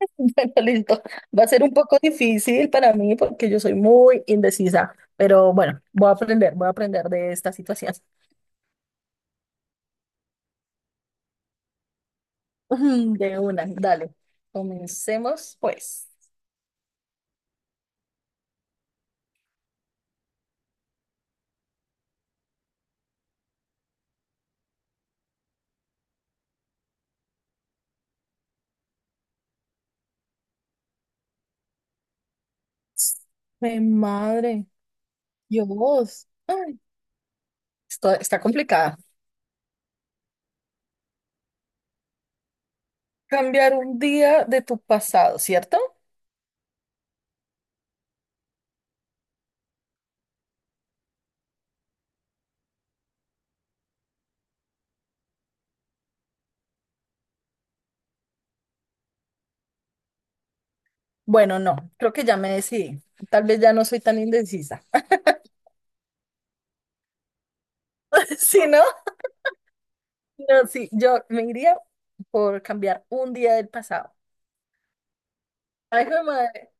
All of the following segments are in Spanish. Bueno, listo. Va a ser un poco difícil para mí porque yo soy muy indecisa, pero bueno, voy a aprender de esta situación. Ujú. De una, dale. Comencemos, pues. Mi madre, Dios. Ay, esto está complicada. Cambiar un día de tu pasado, ¿cierto? Bueno, no, creo que ya me decidí. Tal vez ya no soy tan indecisa. Si no, no, sí, yo me iría por cambiar un día del pasado. Ay, jue madre.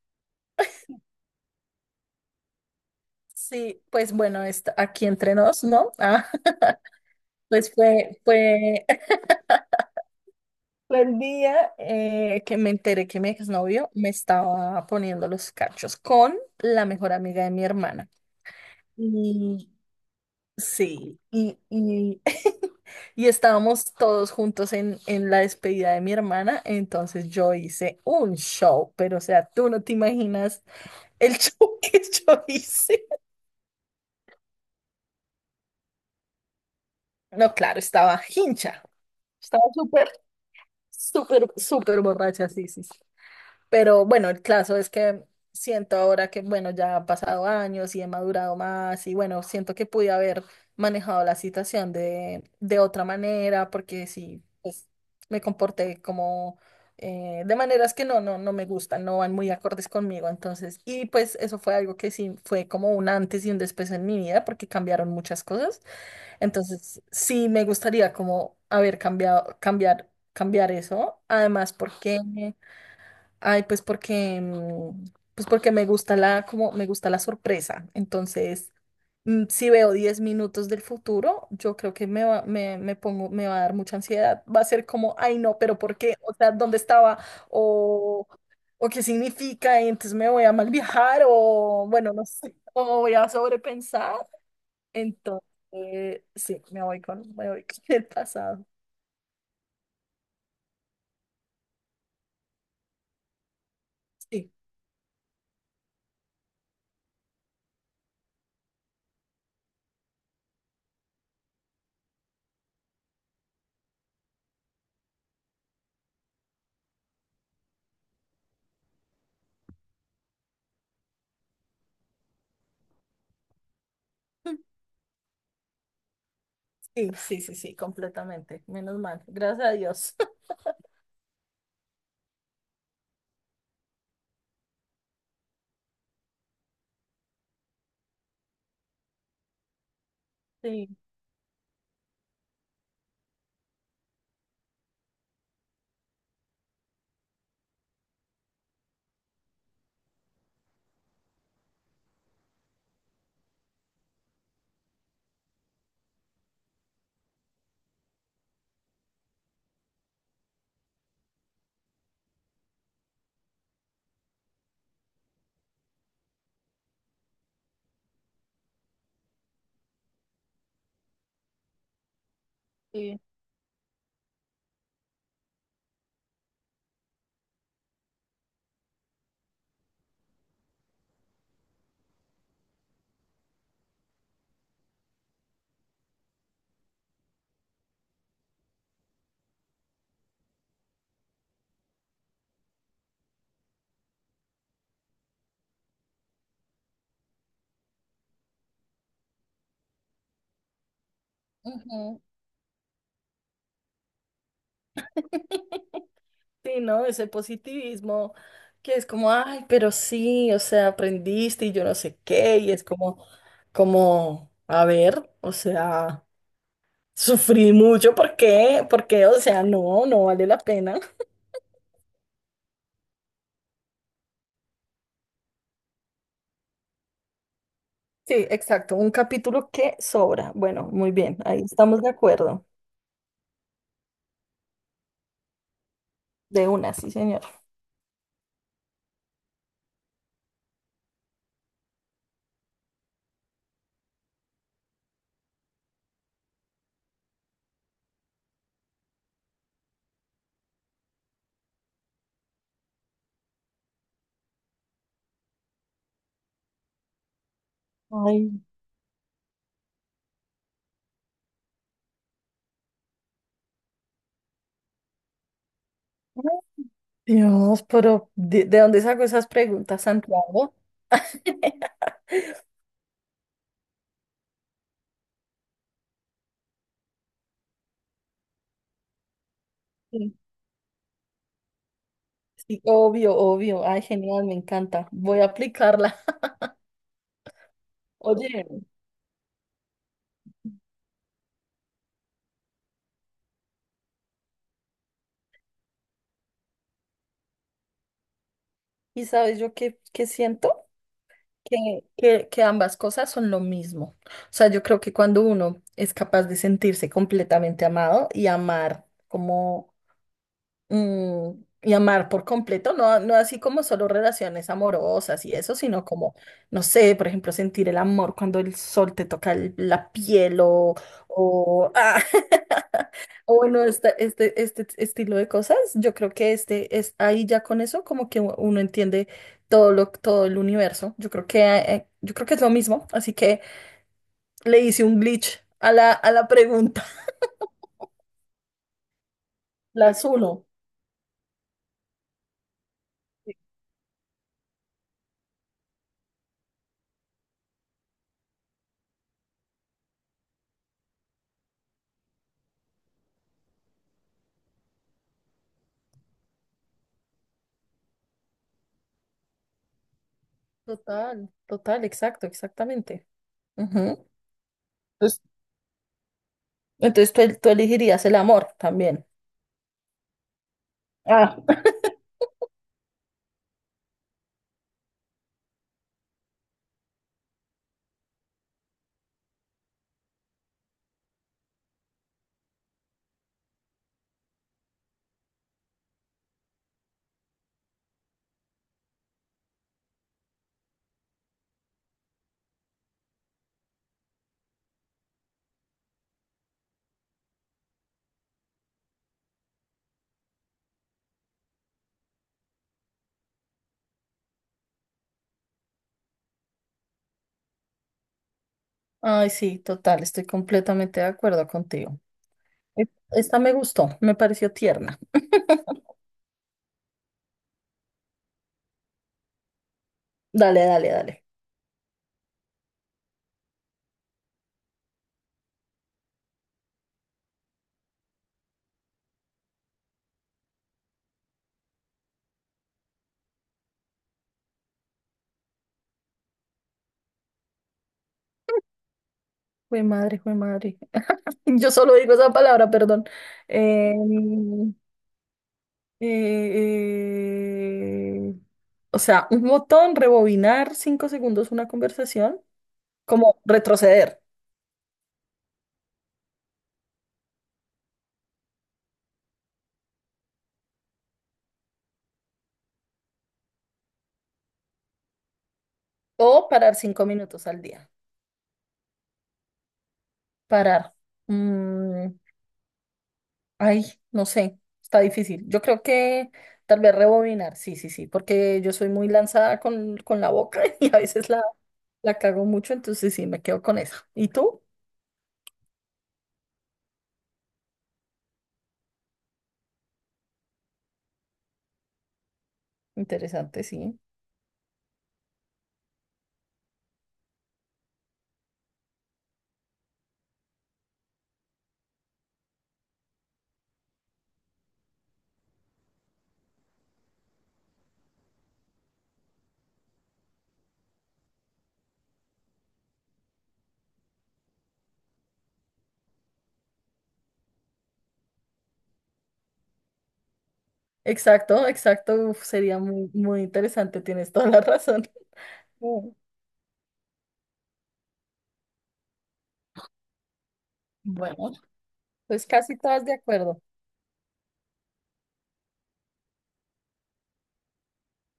Sí, pues bueno, aquí entre nos, ¿no? Pues fue el día que me enteré que mi exnovio me estaba poniendo los cachos con la mejor amiga de mi hermana. Y sí, y estábamos todos juntos en la despedida de mi hermana. Entonces yo hice un show, pero o sea, tú no te imaginas el show que yo hice. No, claro, estaba hincha, estaba súper, súper, súper borracha, sí, sí, sí. Pero bueno, el caso es que siento ahora que, bueno, ya han pasado años y he madurado más y bueno, siento que pude haber manejado la situación de otra manera porque sí, pues me comporté como de maneras que no me gustan, no van muy acordes conmigo. Entonces, y pues eso fue algo que sí fue como un antes y un después en mi vida porque cambiaron muchas cosas. Entonces, sí me gustaría como haber cambiado, cambiar eso. Además, porque... Ay, pues porque, pues porque me gusta la, como me gusta la sorpresa. Entonces, si veo 10 minutos del futuro, yo creo que me pongo, me va a dar mucha ansiedad. Va a ser como, ay no, pero ¿por qué? O sea, ¿dónde estaba? O, o qué significa, y entonces me voy a mal viajar, o bueno, no sé, o voy a sobrepensar. Entonces, sí, me voy con el pasado. Sí, sí, sí, sí, sí, completamente. Menos mal. Gracias a Dios. Sí, sí. Ujú. Sí, ¿no? Ese positivismo que es como, ay, pero sí, o sea, aprendiste y yo no sé qué, y es como, como, a ver, o sea, sufrí mucho, ¿por qué? Porque, o sea, no vale la pena. Sí, exacto, un capítulo que sobra. Bueno, muy bien, ahí estamos de acuerdo. De una, sí, señor. Ay, Dios, pero de dónde saco esas preguntas, Santiago? Sí. Sí, obvio, obvio. Ay, genial, me encanta. Voy a aplicarla. Oye, ¿y sabes yo qué, qué siento? Que ambas cosas son lo mismo. O sea, yo creo que cuando uno es capaz de sentirse completamente amado y amar como mm, y amar por completo, no, no así como solo relaciones amorosas y eso, sino como, no sé, por ejemplo, sentir el amor cuando el sol te toca la piel o, o bueno, este estilo de cosas, yo creo que este es ahí ya con eso como que uno entiende todo lo, todo el universo. Yo creo que es lo mismo, así que le hice un glitch a la pregunta. La uno. Total, total, exacto, exactamente. Ujú. Entonces, entonces tú elegirías el amor también. Ah, ay, sí, total, estoy completamente de acuerdo contigo. Esta me gustó, me pareció tierna. Dale, dale, dale. Jue madre, jue madre. Yo solo digo esa palabra, perdón. Em, Eh, eh, o sea, un botón, rebobinar 5 segundos una conversación, como retroceder o parar 5 minutos al día. Parar. Mm, Ay, no sé, está difícil. Yo creo que tal vez rebobinar, sí, sí, sí, porque yo soy muy lanzada con la boca y a veces la, la cago mucho, entonces sí, me quedo con eso. ¿Y tú? Interesante, sí. Exacto, exacto, uf, sería muy, muy interesante, tienes toda la razón. Mm. Bueno, pues casi todas de acuerdo.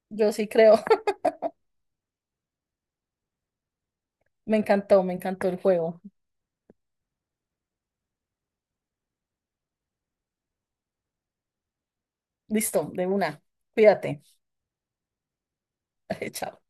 Yo sí creo. Me encantó el juego. Listo, de una. Cuídate. Chao.